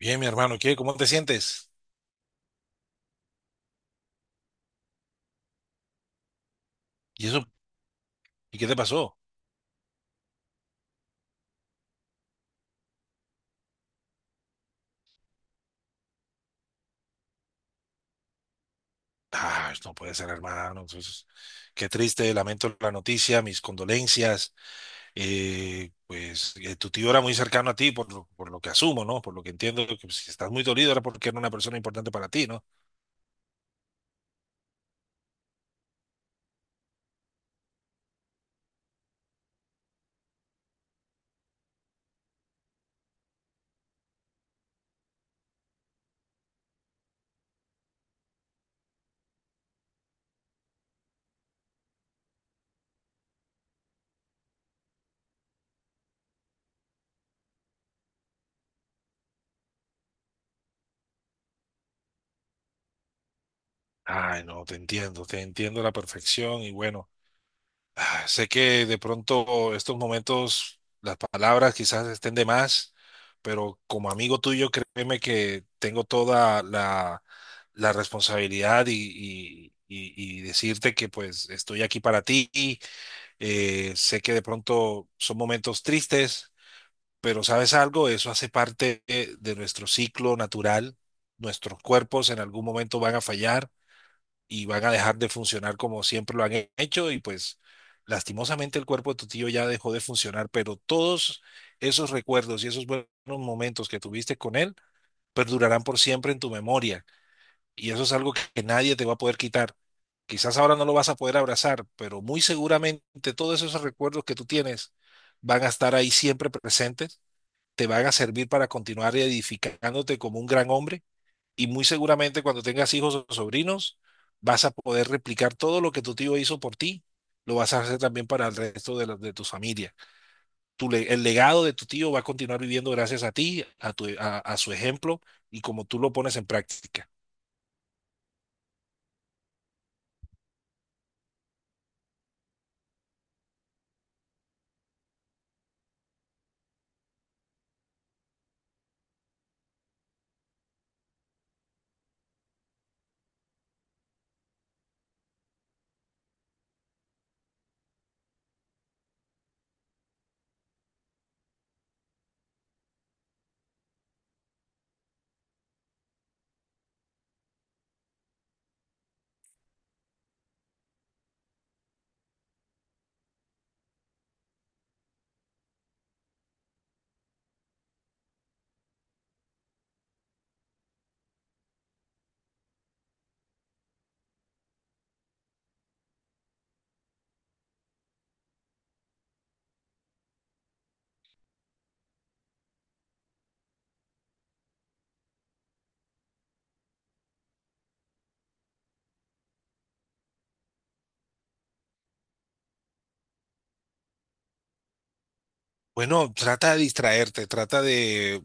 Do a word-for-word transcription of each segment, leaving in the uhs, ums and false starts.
Bien, mi hermano, ¿qué? ¿Cómo te sientes? ¿Y eso? ¿Y qué te pasó? Ah, pues, no puede ser, hermano. Entonces, qué triste, lamento la noticia, mis condolencias. Eh, pues eh, tu tío era muy cercano a ti, por lo, por lo que asumo, ¿no? Por lo que entiendo, que pues, si estás muy dolido era porque era una persona importante para ti, ¿no? Ay, no, te entiendo, te entiendo a la perfección y bueno. Ah, Sé que de pronto estos momentos, las palabras quizás estén de más, pero como amigo tuyo, créeme que tengo toda la, la responsabilidad y, y- y- y decirte que pues estoy aquí para ti. Eh, sé que de pronto son momentos tristes, pero ¿sabes algo? Eso hace parte eh, de nuestro ciclo natural. Nuestros cuerpos en algún momento van a fallar y van a dejar de funcionar como siempre lo han he- hecho y pues lastimosamente el cuerpo de tu tío ya dejó de funcionar, pero todos esos recuerdos y esos buenos momentos que tuviste con él perdurarán por siempre en tu memoria y eso es algo que, que nadie te va a poder quitar. Quizás ahora no lo vas a poder abrazar, pero muy seguramente todos esos recuerdos que tú tienes van a estar ahí siempre presentes, te van a servir para continuar edificándote como un gran hombre y muy seguramente cuando tengas hijos o sobrinos, vas a poder replicar todo lo que tu tío hizo por ti, lo vas a hacer también para el resto de, la- de tu familia. Tu le- el legado de tu tío va a continuar viviendo gracias a ti, a, tu, a a su ejemplo y como tú lo pones en práctica. Bueno, trata de distraerte, trata de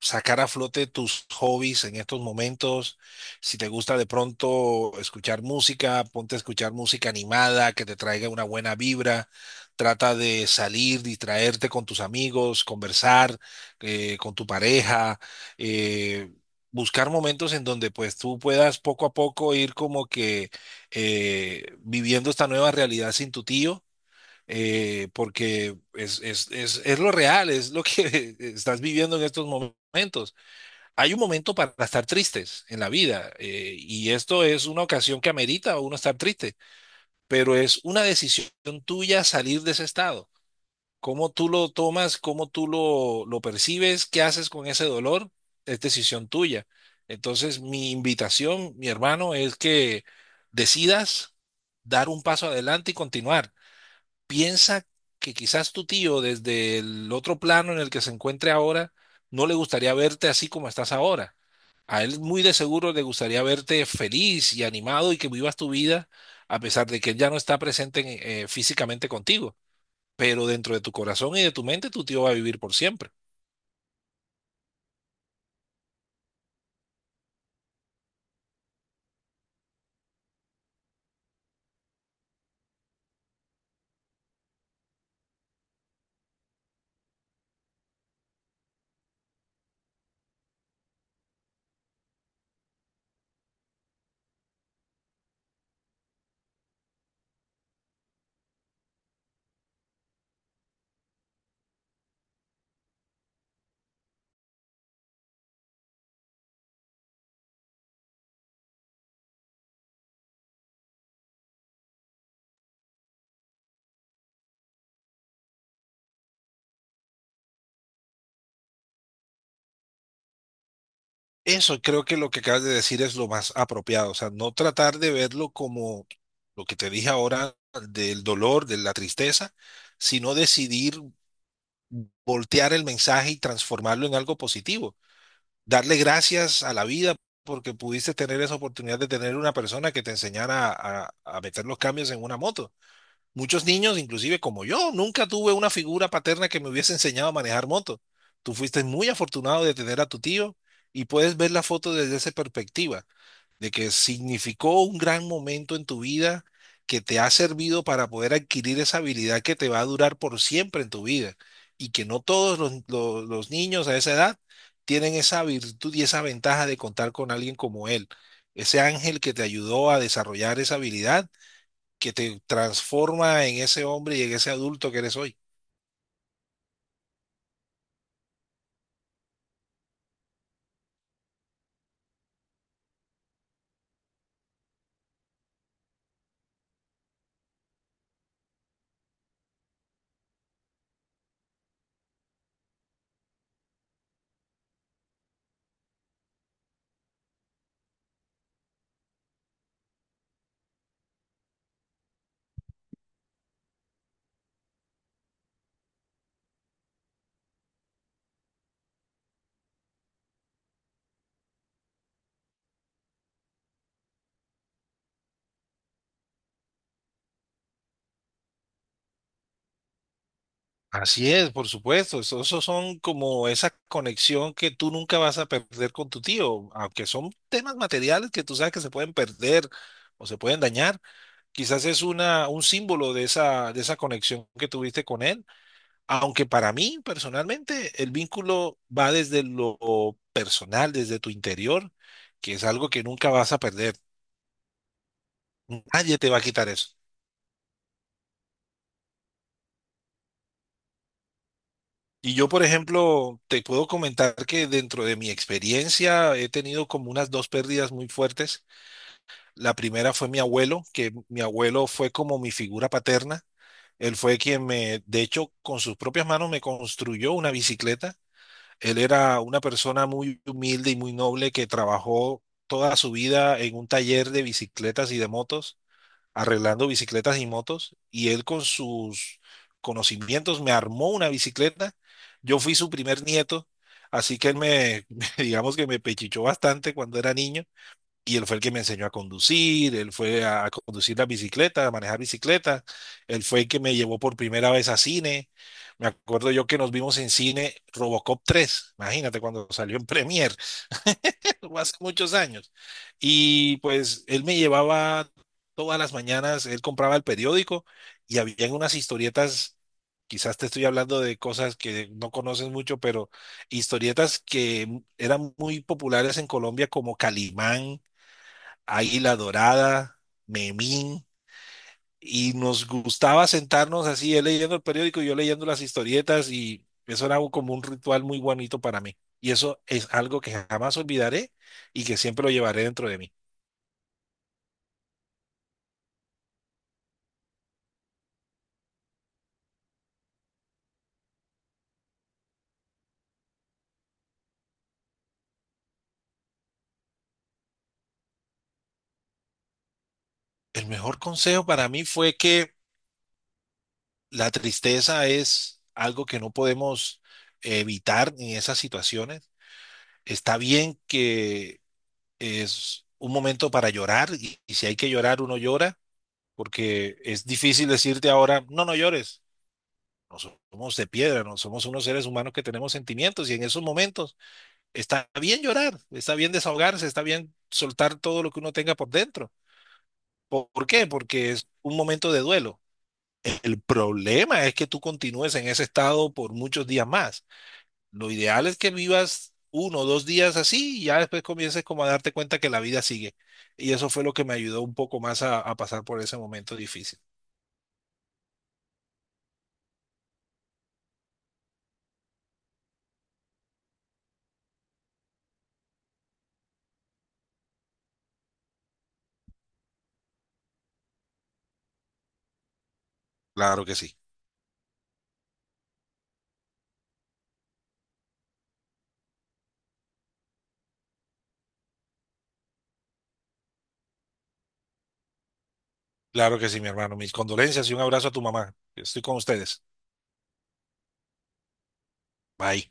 sacar a flote tus hobbies en estos momentos. Si te gusta de pronto escuchar música, ponte a escuchar música animada que te traiga una buena vibra. Trata de salir, distraerte con tus amigos, conversar eh, con tu pareja, eh, buscar momentos en donde pues tú puedas poco a poco ir como que eh, viviendo esta nueva realidad sin tu tío, eh, porque es, es, es, es lo real, es lo que estás viviendo en estos momentos. Hay un momento para estar tristes en la vida, eh, y esto es una ocasión que amerita a uno estar triste, pero es una decisión tuya salir de ese estado. Cómo tú lo tomas, cómo tú lo, lo percibes, qué haces con ese dolor, es decisión tuya. Entonces, mi invitación, mi hermano, es que decidas dar un paso adelante y continuar. Piensa que quizás tu tío desde el otro plano en el que se encuentre ahora no le gustaría verte así como estás ahora. A él muy de seguro le gustaría verte feliz y animado y que vivas tu vida a pesar de que él ya no está presente en- eh, físicamente contigo. Pero dentro de tu corazón y de tu mente tu tío va a vivir por siempre. Eso creo, que lo que acabas de decir es lo más apropiado. O sea, no tratar de verlo como lo que te dije ahora, del dolor, de la tristeza, sino decidir voltear el mensaje y transformarlo en algo positivo. Darle gracias a la vida porque pudiste tener esa oportunidad de tener una persona que te enseñara a, a meter los cambios en una moto. Muchos niños, inclusive como yo, nunca tuve una figura paterna que me hubiese enseñado a manejar moto. Tú fuiste muy afortunado de tener a tu tío y puedes ver la foto desde esa perspectiva, de que significó un gran momento en tu vida que te ha servido para poder adquirir esa habilidad que te va a durar por siempre en tu vida y que no todos los, los- los niños a esa edad tienen esa virtud y esa ventaja de contar con alguien como él, ese ángel que te ayudó a desarrollar esa habilidad que te transforma en ese hombre y en ese adulto que eres hoy. Así es, por supuesto. Eso, eso son como esa conexión que tú nunca vas a perder con tu tío, aunque son temas materiales que tú sabes que se pueden perder o se pueden dañar. Quizás es una, un símbolo de esa, de esa conexión que tuviste con él. Aunque para mí, personalmente, el vínculo va desde lo personal, desde tu interior, que es algo que nunca vas a perder. Nadie te va a quitar eso. Y yo, por ejemplo, te puedo comentar que dentro de mi experiencia he tenido como unas dos pérdidas muy fuertes. La primera fue mi abuelo, que mi abuelo fue como mi figura paterna. Él fue quien me, de hecho, con sus propias manos me construyó una bicicleta. Él era una persona muy humilde y muy noble que trabajó toda su vida en un taller de bicicletas y de motos arreglando bicicletas y motos, y él con sus conocimientos me armó una bicicleta. Yo fui su primer nieto, así que él me, digamos que me pechichó bastante cuando era niño, y él fue el que me enseñó a conducir, él fue a conducir la bicicleta, a manejar bicicleta, él fue el que me llevó por primera vez a cine. Me acuerdo yo que nos vimos en cine Robocop tres, imagínate, cuando salió en Premiere, fue hace muchos años. Y pues él me llevaba todas las mañanas, él compraba el periódico y había unas historietas, quizás te estoy hablando de cosas que no conoces mucho, pero historietas que eran muy populares en Colombia como Calimán, Águila Dorada, Memín, y nos gustaba sentarnos así, él leyendo el periódico y yo leyendo las historietas, y eso era un- como un ritual muy bonito para mí. Y eso es algo que jamás olvidaré y que siempre lo llevaré dentro de mí. El mejor consejo para mí fue que la tristeza es algo que no podemos evitar en esas situaciones. Está bien que es un momento para llorar, y y si hay que llorar, uno llora porque es difícil decirte ahora, no, no llores. No somos de piedra, no somos unos seres humanos que tenemos sentimientos, y en esos momentos está bien llorar, está bien desahogarse, está bien soltar todo lo que uno tenga por dentro. ¿Por por qué? Porque es un momento de duelo. El problema es que tú continúes en ese estado por muchos días más. Lo ideal es que vivas uno o dos días así y ya después comiences como a darte cuenta que la vida sigue. Y eso fue lo que me ayudó un poco más a, a pasar por ese momento difícil. Claro que sí. Claro que sí, mi hermano. Mis condolencias y un abrazo a tu mamá. Estoy con ustedes. Bye.